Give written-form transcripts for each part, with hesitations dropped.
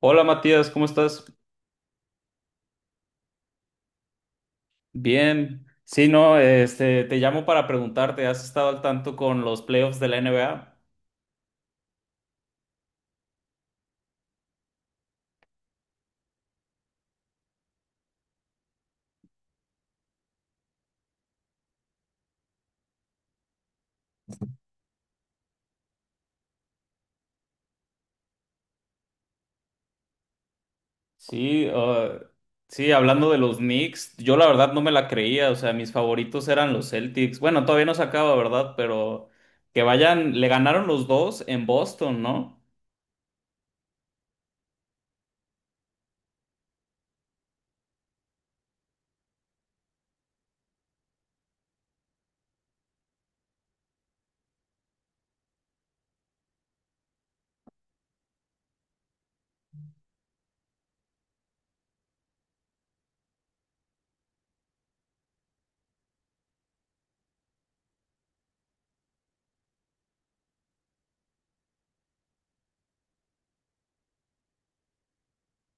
Hola Matías, ¿cómo estás? Bien. Sí, no, te llamo para preguntarte, ¿has estado al tanto con los playoffs de la NBA? Sí, uh, sí, hablando de los Knicks, yo la verdad no me la creía, o sea, mis favoritos eran los Celtics. Bueno, todavía no se acaba, ¿verdad? Pero que vayan, le ganaron los dos en Boston, ¿no?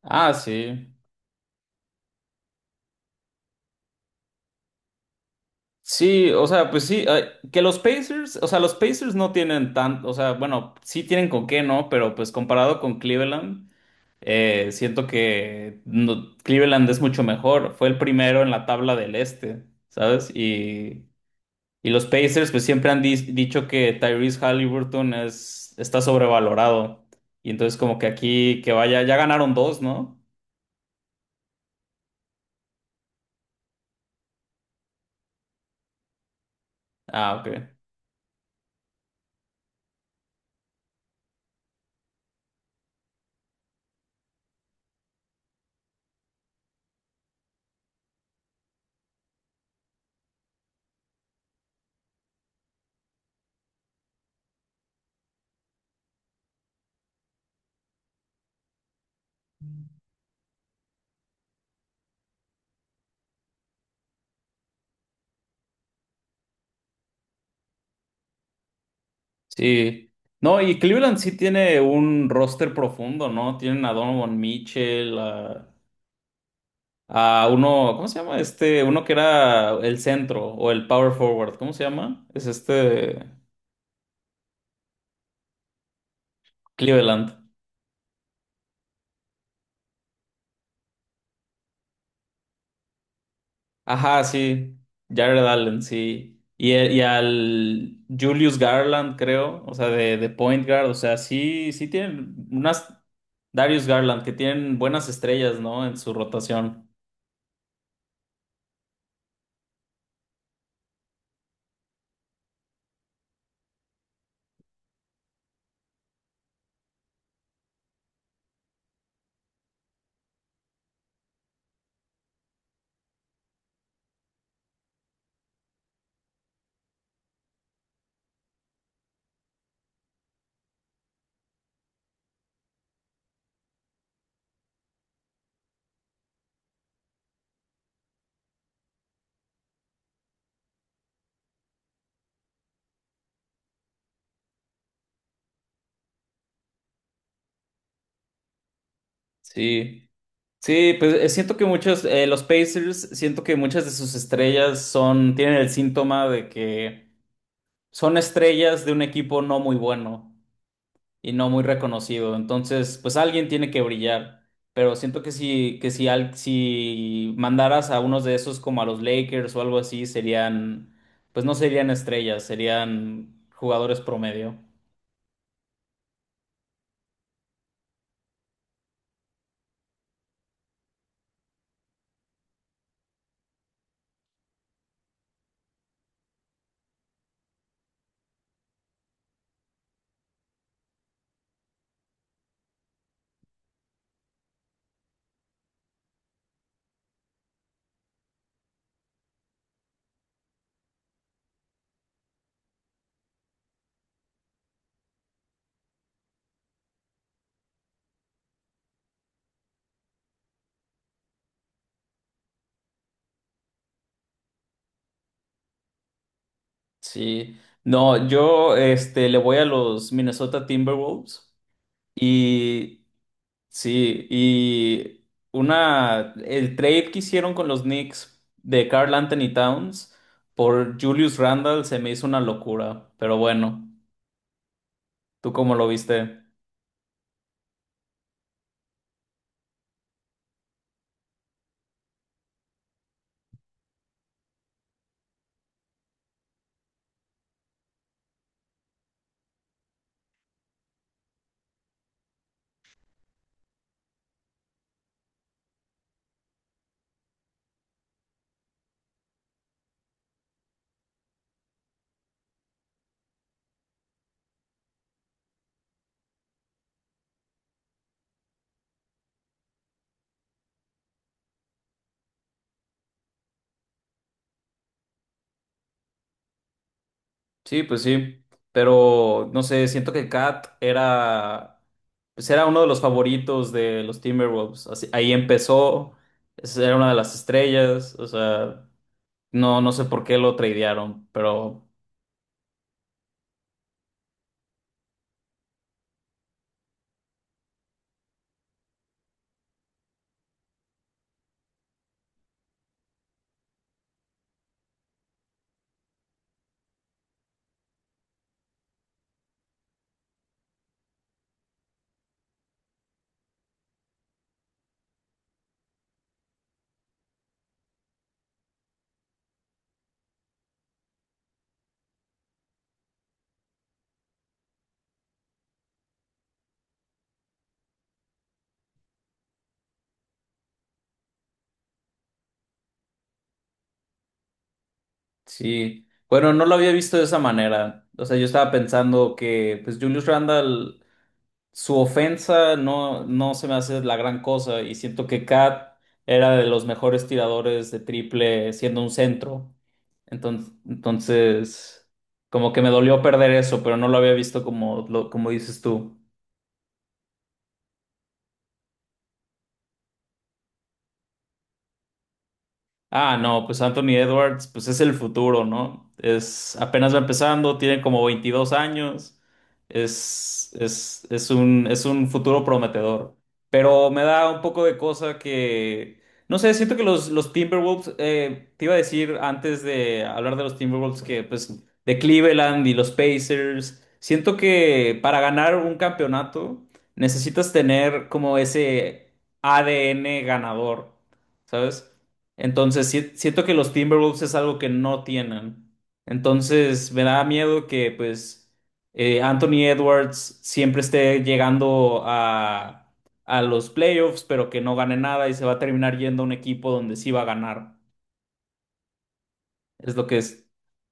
Ah, sí. Sí, o sea, pues sí, que los Pacers, o sea, los Pacers no tienen tanto, o sea, bueno, sí tienen con qué, ¿no? Pero pues comparado con Cleveland. Siento que Cleveland es mucho mejor. Fue el primero en la tabla del este, ¿sabes? Y los Pacers pues siempre han dicho que Tyrese Halliburton es, está sobrevalorado. Y entonces como que aquí que vaya, ya ganaron dos, ¿no? Ah, ok. Sí. No, y Cleveland sí tiene un roster profundo, ¿no? Tienen a Donovan Mitchell, a uno, ¿cómo se llama? Este, uno que era el centro o el power forward, ¿cómo se llama? Es este. Cleveland. Ajá, sí. Jared Allen, sí. Y y al Julius Garland, creo, o sea, de point guard, o sea, sí, sí tienen unas Darius Garland que tienen buenas estrellas, ¿no? En su rotación. Sí. Sí, pues siento que muchos, los Pacers, siento que muchas de sus estrellas son, tienen el síntoma de que son estrellas de un equipo no muy bueno y no muy reconocido. Entonces, pues alguien tiene que brillar. Pero siento que si, si mandaras a unos de esos como a los Lakers o algo así, serían, pues no serían estrellas, serían jugadores promedio. Sí. No, yo le voy a los Minnesota Timberwolves y sí, y una, el trade que hicieron con los Knicks de Carl Anthony Towns por Julius Randle se me hizo una locura, pero bueno. ¿Tú cómo lo viste? Sí, pues sí. Pero no sé, siento que Cat era, pues era uno de los favoritos de los Timberwolves. Ahí empezó, era una de las estrellas. O sea, no sé por qué lo tradearon, pero sí. Bueno, no lo había visto de esa manera. O sea, yo estaba pensando que, pues, Julius Randle, su ofensa no, no se me hace la gran cosa. Y siento que Cat era de los mejores tiradores de triple siendo un centro. Entonces, como que me dolió perder eso, pero no lo había visto como, como dices tú. Ah, no, pues Anthony Edwards, pues es el futuro, ¿no? Es apenas va empezando, tiene como 22 años, es un futuro prometedor. Pero me da un poco de cosa que, no sé, siento que los Timberwolves, te iba a decir antes de hablar de los Timberwolves que, pues, de Cleveland y los Pacers, siento que para ganar un campeonato necesitas tener como ese ADN ganador, ¿sabes? Entonces, siento que los Timberwolves es algo que no tienen. Entonces, me da miedo que, pues, Anthony Edwards siempre esté llegando a los playoffs, pero que no gane nada y se va a terminar yendo a un equipo donde sí va a ganar. Es lo que es-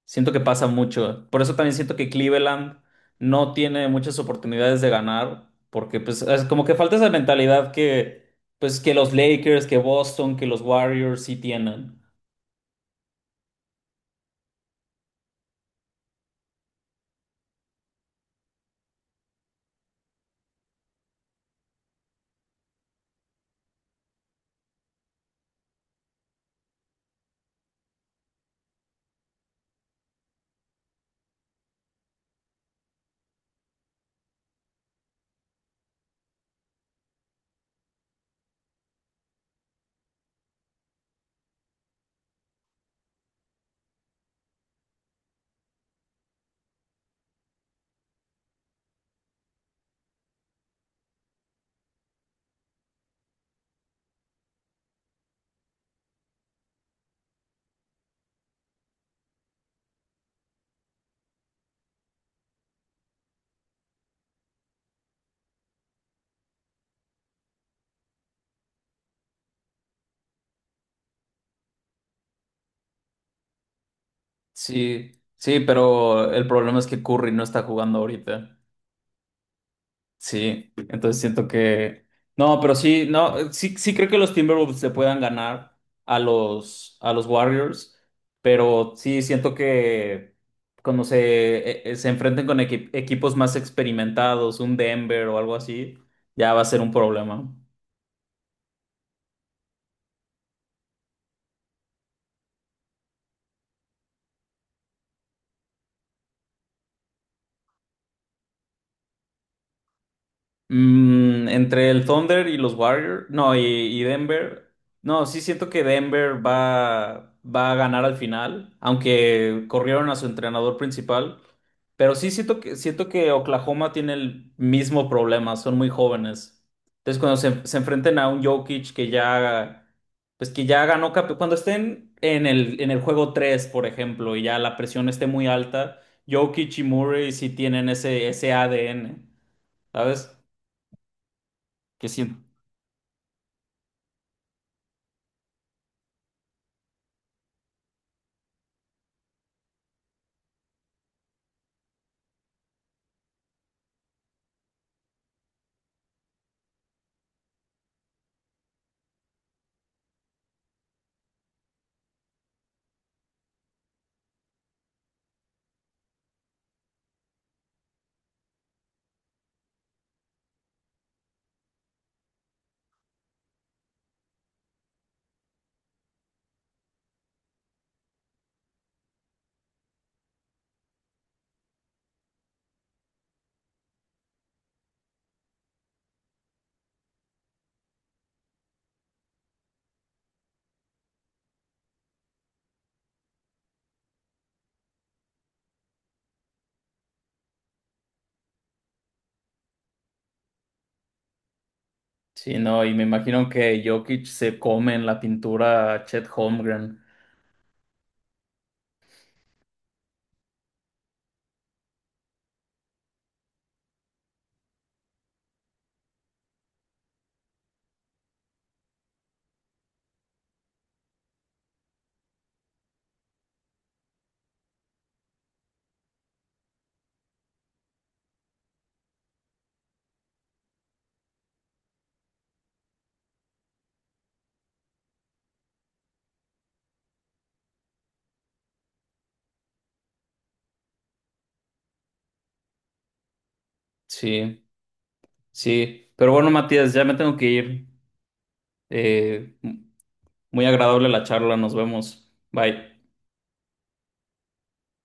Siento que pasa mucho. Por eso también siento que Cleveland no tiene muchas oportunidades de ganar, porque, pues, es como que falta esa mentalidad que, pues, que los Lakers, que Boston, que los Warriors sí tienen. Sí, sí, pero el problema es que Curry no está jugando ahorita. Sí, entonces siento que… No, pero sí, no, sí, sí creo que los Timberwolves se puedan ganar a a los Warriors, pero sí siento que cuando se enfrenten con equipos más experimentados, un Denver o algo así, ya va a ser un problema. Mm, entre el Thunder y los Warriors, no, y Denver, no, sí siento que Denver va a ganar al final, aunque corrieron a su entrenador principal, pero sí siento que Oklahoma tiene el mismo problema, son muy jóvenes. Entonces cuando se enfrenten a un Jokic que ya, pues que ya ganó, cuando estén en el juego 3 por ejemplo, y ya la presión esté muy alta, Jokic y Murray sí tienen ese ADN, ¿sabes? ¿Qué siento? Sí, no, y me imagino que Jokic se come en la pintura a Chet Holmgren. Sí, sí. Pero bueno, Matías, ya me tengo que ir. Eh, muy agradable la charla, nos vemos. Bye.